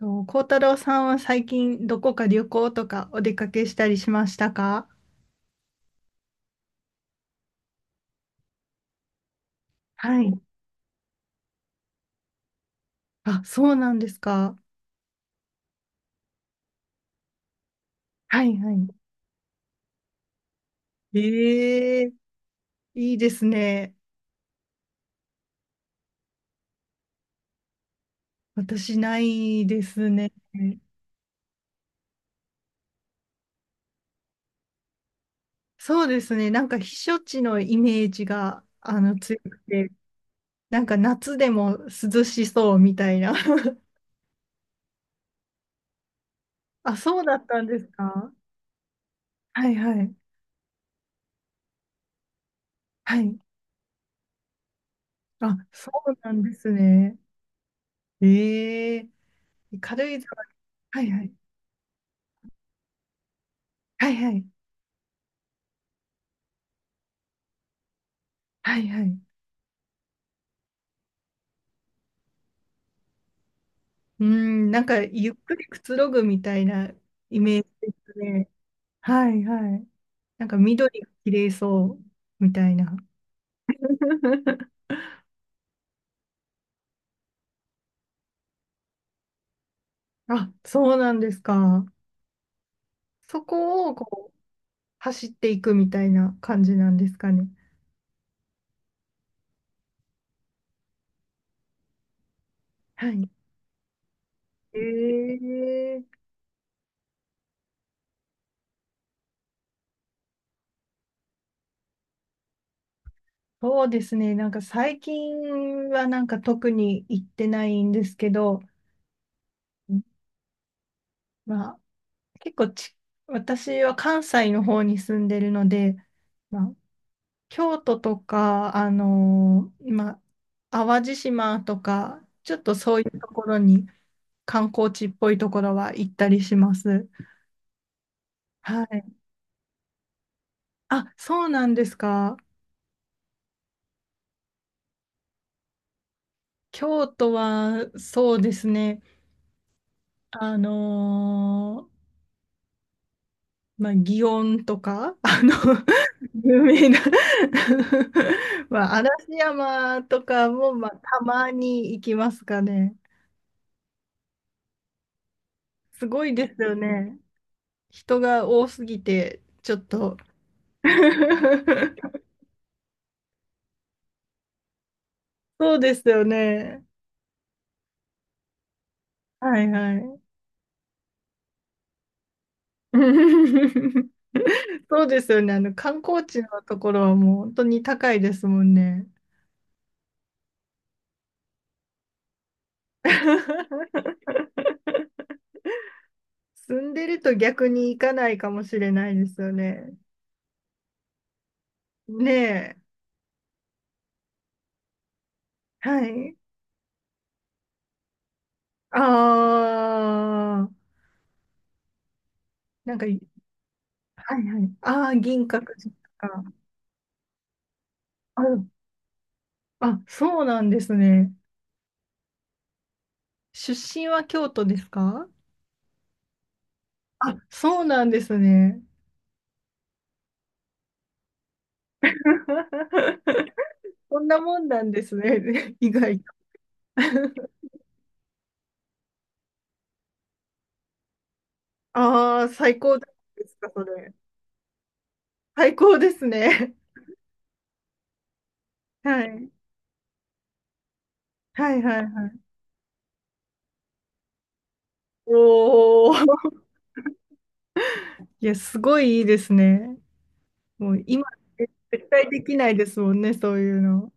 と、幸太郎さんは最近どこか旅行とかお出かけしたりしましたか？はい。あ、そうなんですか。はいはい。ええ、いいですね。私ないですね。そうですね。なんか避暑地のイメージがあの強くて、なんか夏でも涼しそうみたいな。あ、そうだったんですか。はいはい。はい。あ、そうなんですね。ええ、軽井沢。はいはい。はいはい。はいはい。うん、なんかゆっくりくつろぐみたいなイメージですね。はいはい。なんか緑が綺麗そうみたいな。あ、そうなんですか。そこをこう走っていくみたいな感じなんですかね。はい。ええ、そうですね。なんか最近はなんか特に行ってないんですけど、うん、まあ結構ち、私は関西の方に住んでるので、まあ、京都とか、淡路島とか、ちょっとそういうところに観光地っぽいところは行ったりします。はい。あ、そうなんですか。京都はそうですね。あのーまあ、祇園とか、あの、 有名な、 まあ、嵐山とかも、まあ、たまに行きますかね。すごいですよね。人が多すぎて、ちょっと。そうですよね。はいはい。そうですよね。あの、観光地のところはもう本当に高いですもんね。住んでると逆に行かないかもしれないですよね。ねえ。はい。ああ、なんかい、はいはい。ああ、銀閣寺とか。あ、あ、そうなんですね。出身は京都ですか？あ、そうなんですね。こんなもんなんですね。意外と。ああ、最高ですか、それ。最高ですね。はい。はいはいはい。おお。いや、すごいいいですね。もう今、え、絶対できないですもんね、そういうの。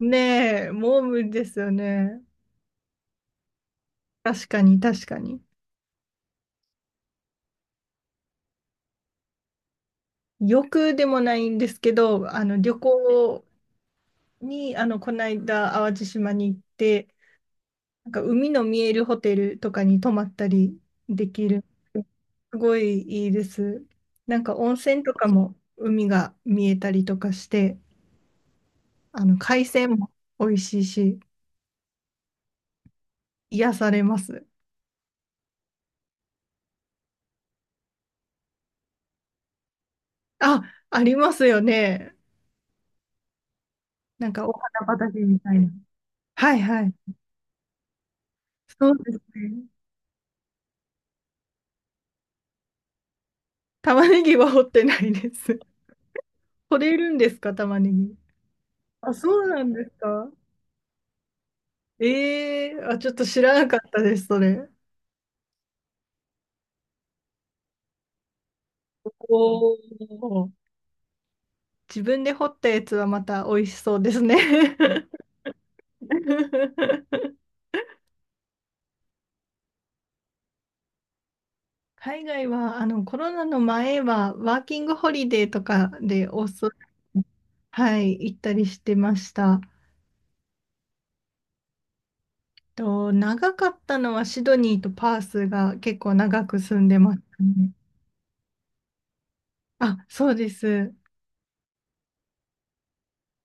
ねえ、もう無理ですよね。確かに、確かに。欲でもないんですけど、あの、旅行に、あの、この間、淡路島に行って、なんか海の見えるホテルとかに泊まったりできる。すごいいいです。なんか温泉とかも海が見えたりとかして、あの海鮮も美味しいし、癒されます。あ、ありますよね。なんかお花畑みたいな。はいはい。そうですね。玉ねぎは掘ってないです。取れるんですか、玉ねぎ。あ、そうなんですか。ええー、あ、ちょっと知らなかったです、それ。おお。自分で掘ったやつはまた美味しそうですね。 海外は、あの、コロナの前は、ワーキングホリデーとかでオーストラリア、はい、行ったりしてました。と、長かったのはシドニーとパースが結構長く住んでましたね。あ、そうです。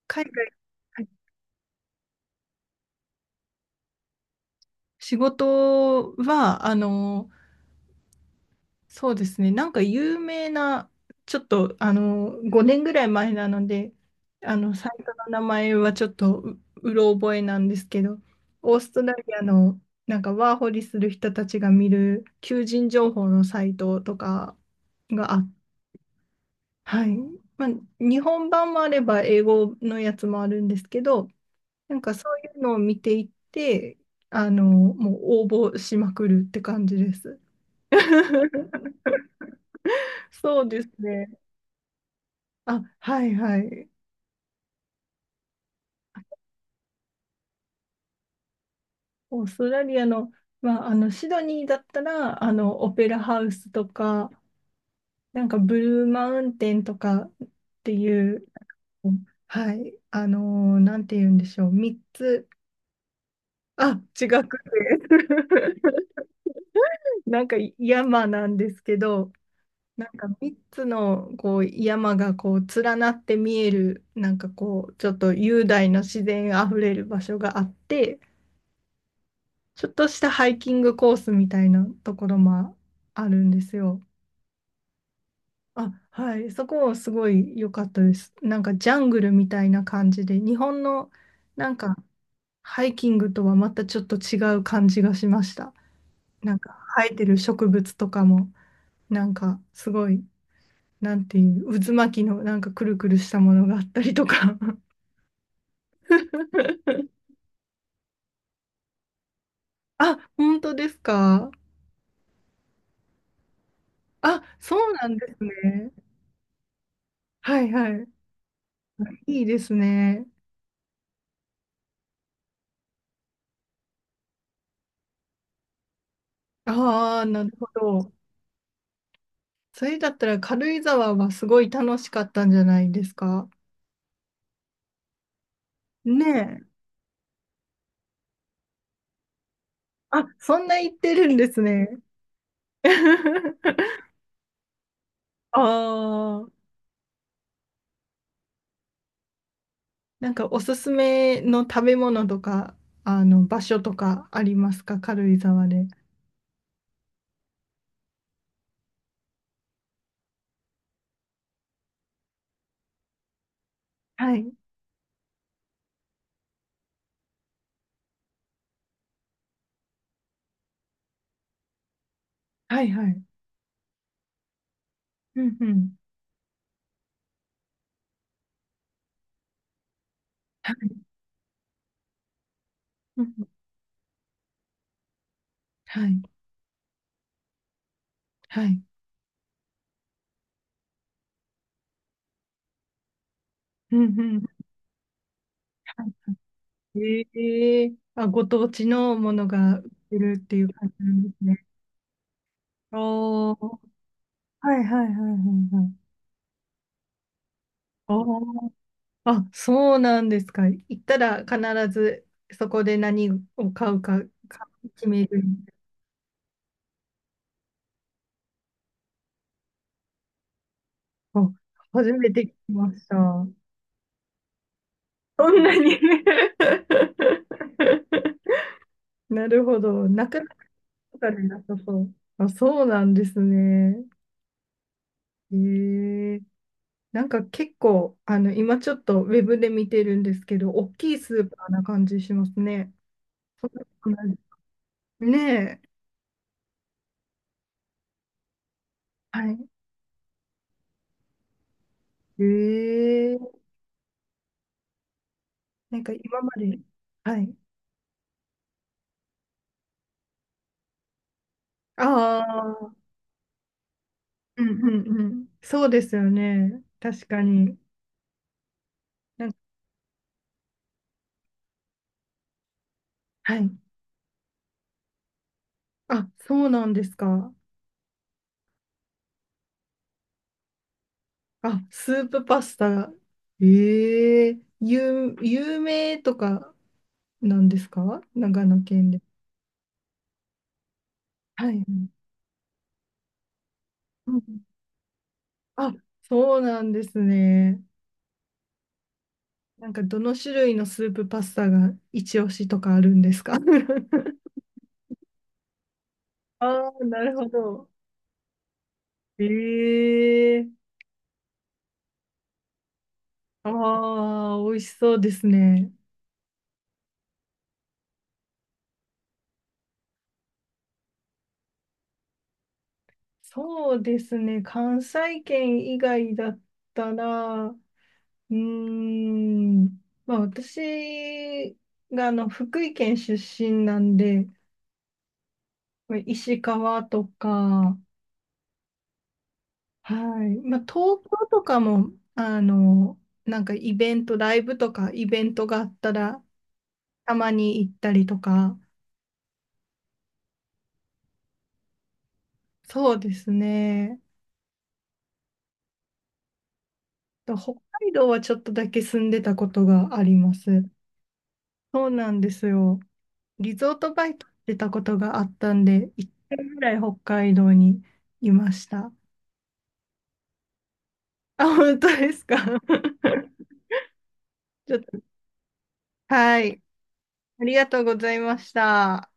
海外、はい。仕事は、あの、そうですね。なんか有名な、ちょっとあの5年ぐらい前なので、あのサイトの名前はちょっとう、うろ覚えなんですけど、オーストラリアのなんかワーホリする人たちが見る求人情報のサイトとかがはい、まあ、日本版もあれば英語のやつもあるんですけど、なんかそういうのを見ていって、あの、もう応募しまくるって感じです。そうですね。あ、はいはい。オーストラリアの、まあ、あの、シドニーだったら、あの、オペラハウスとか、なんかブルーマウンテンとかっていう、はい、なんて言うんでしょう、3つ、あ、違くて、なんか山なんですけど、なんか3つのこう山がこう連なって見える、なんかこう、ちょっと雄大な自然あふれる場所があって、ちょっとしたハイキングコースみたいなところもあるんですよ。あ、はい。そこすごい良かったです。なんかジャングルみたいな感じで、日本のなんかハイキングとはまたちょっと違う感じがしました。なんか生えてる植物とかも、なんかすごい、なんていう、渦巻きのなんかくるくるしたものがあったりとか。あ、本当ですか。あ、そうなんですね。はいはい。いいですね。ああ、なるほど。それだったら軽井沢はすごい楽しかったんじゃないですか。ねえ。あ、そんな言ってるんですね。ああ、なんかおすすめの食べ物とか、あの、場所とかありますか、軽井沢で。はい。はいはい。うんうん。はい。うんうん、はい。はい。うんうん。はい。ええ、あ、ご当地のものが売ってるっていう感じなんですね。おー。はいはいはいはいはい。あー、あ、そうなんですか。行ったら必ずそこで何を買うか、買う決める。あ、初めて聞きました。そんなに。 なるほど。なくなったからなさそう。あ、そうなんですね。ええ、なんか結構、あの、今ちょっとウェブで見てるんですけど、大きいスーパーな感じしますね。そんなことない、ねえ。はい。ええ、なんか今まで、はい。ああ、うんうんうん。そうですよね。確かに。なんか、はい。あ、そうなんですか。あ、スープパスタ。有名とかなんですか、長野県で。はい。うん、あ、そうなんですね。なんかどの種類のスープパスタが一押しとかあるんですか？ ああ、なるほど。ええ、ああ、美味しそうですね。そうですね。関西圏以外だったら、うーん、まあ私があの福井県出身なんで、まあ石川とか、はい、まあ東京とかも、あの、なんかイベント、ライブとかイベントがあったら、たまに行ったりとか、そうですね。北海道はちょっとだけ住んでたことがあります。そうなんですよ。リゾートバイトしてたことがあったんで、1年ぐらい北海道にいました。あ、本当ですか？ ちょっと、はい。ありがとうございました。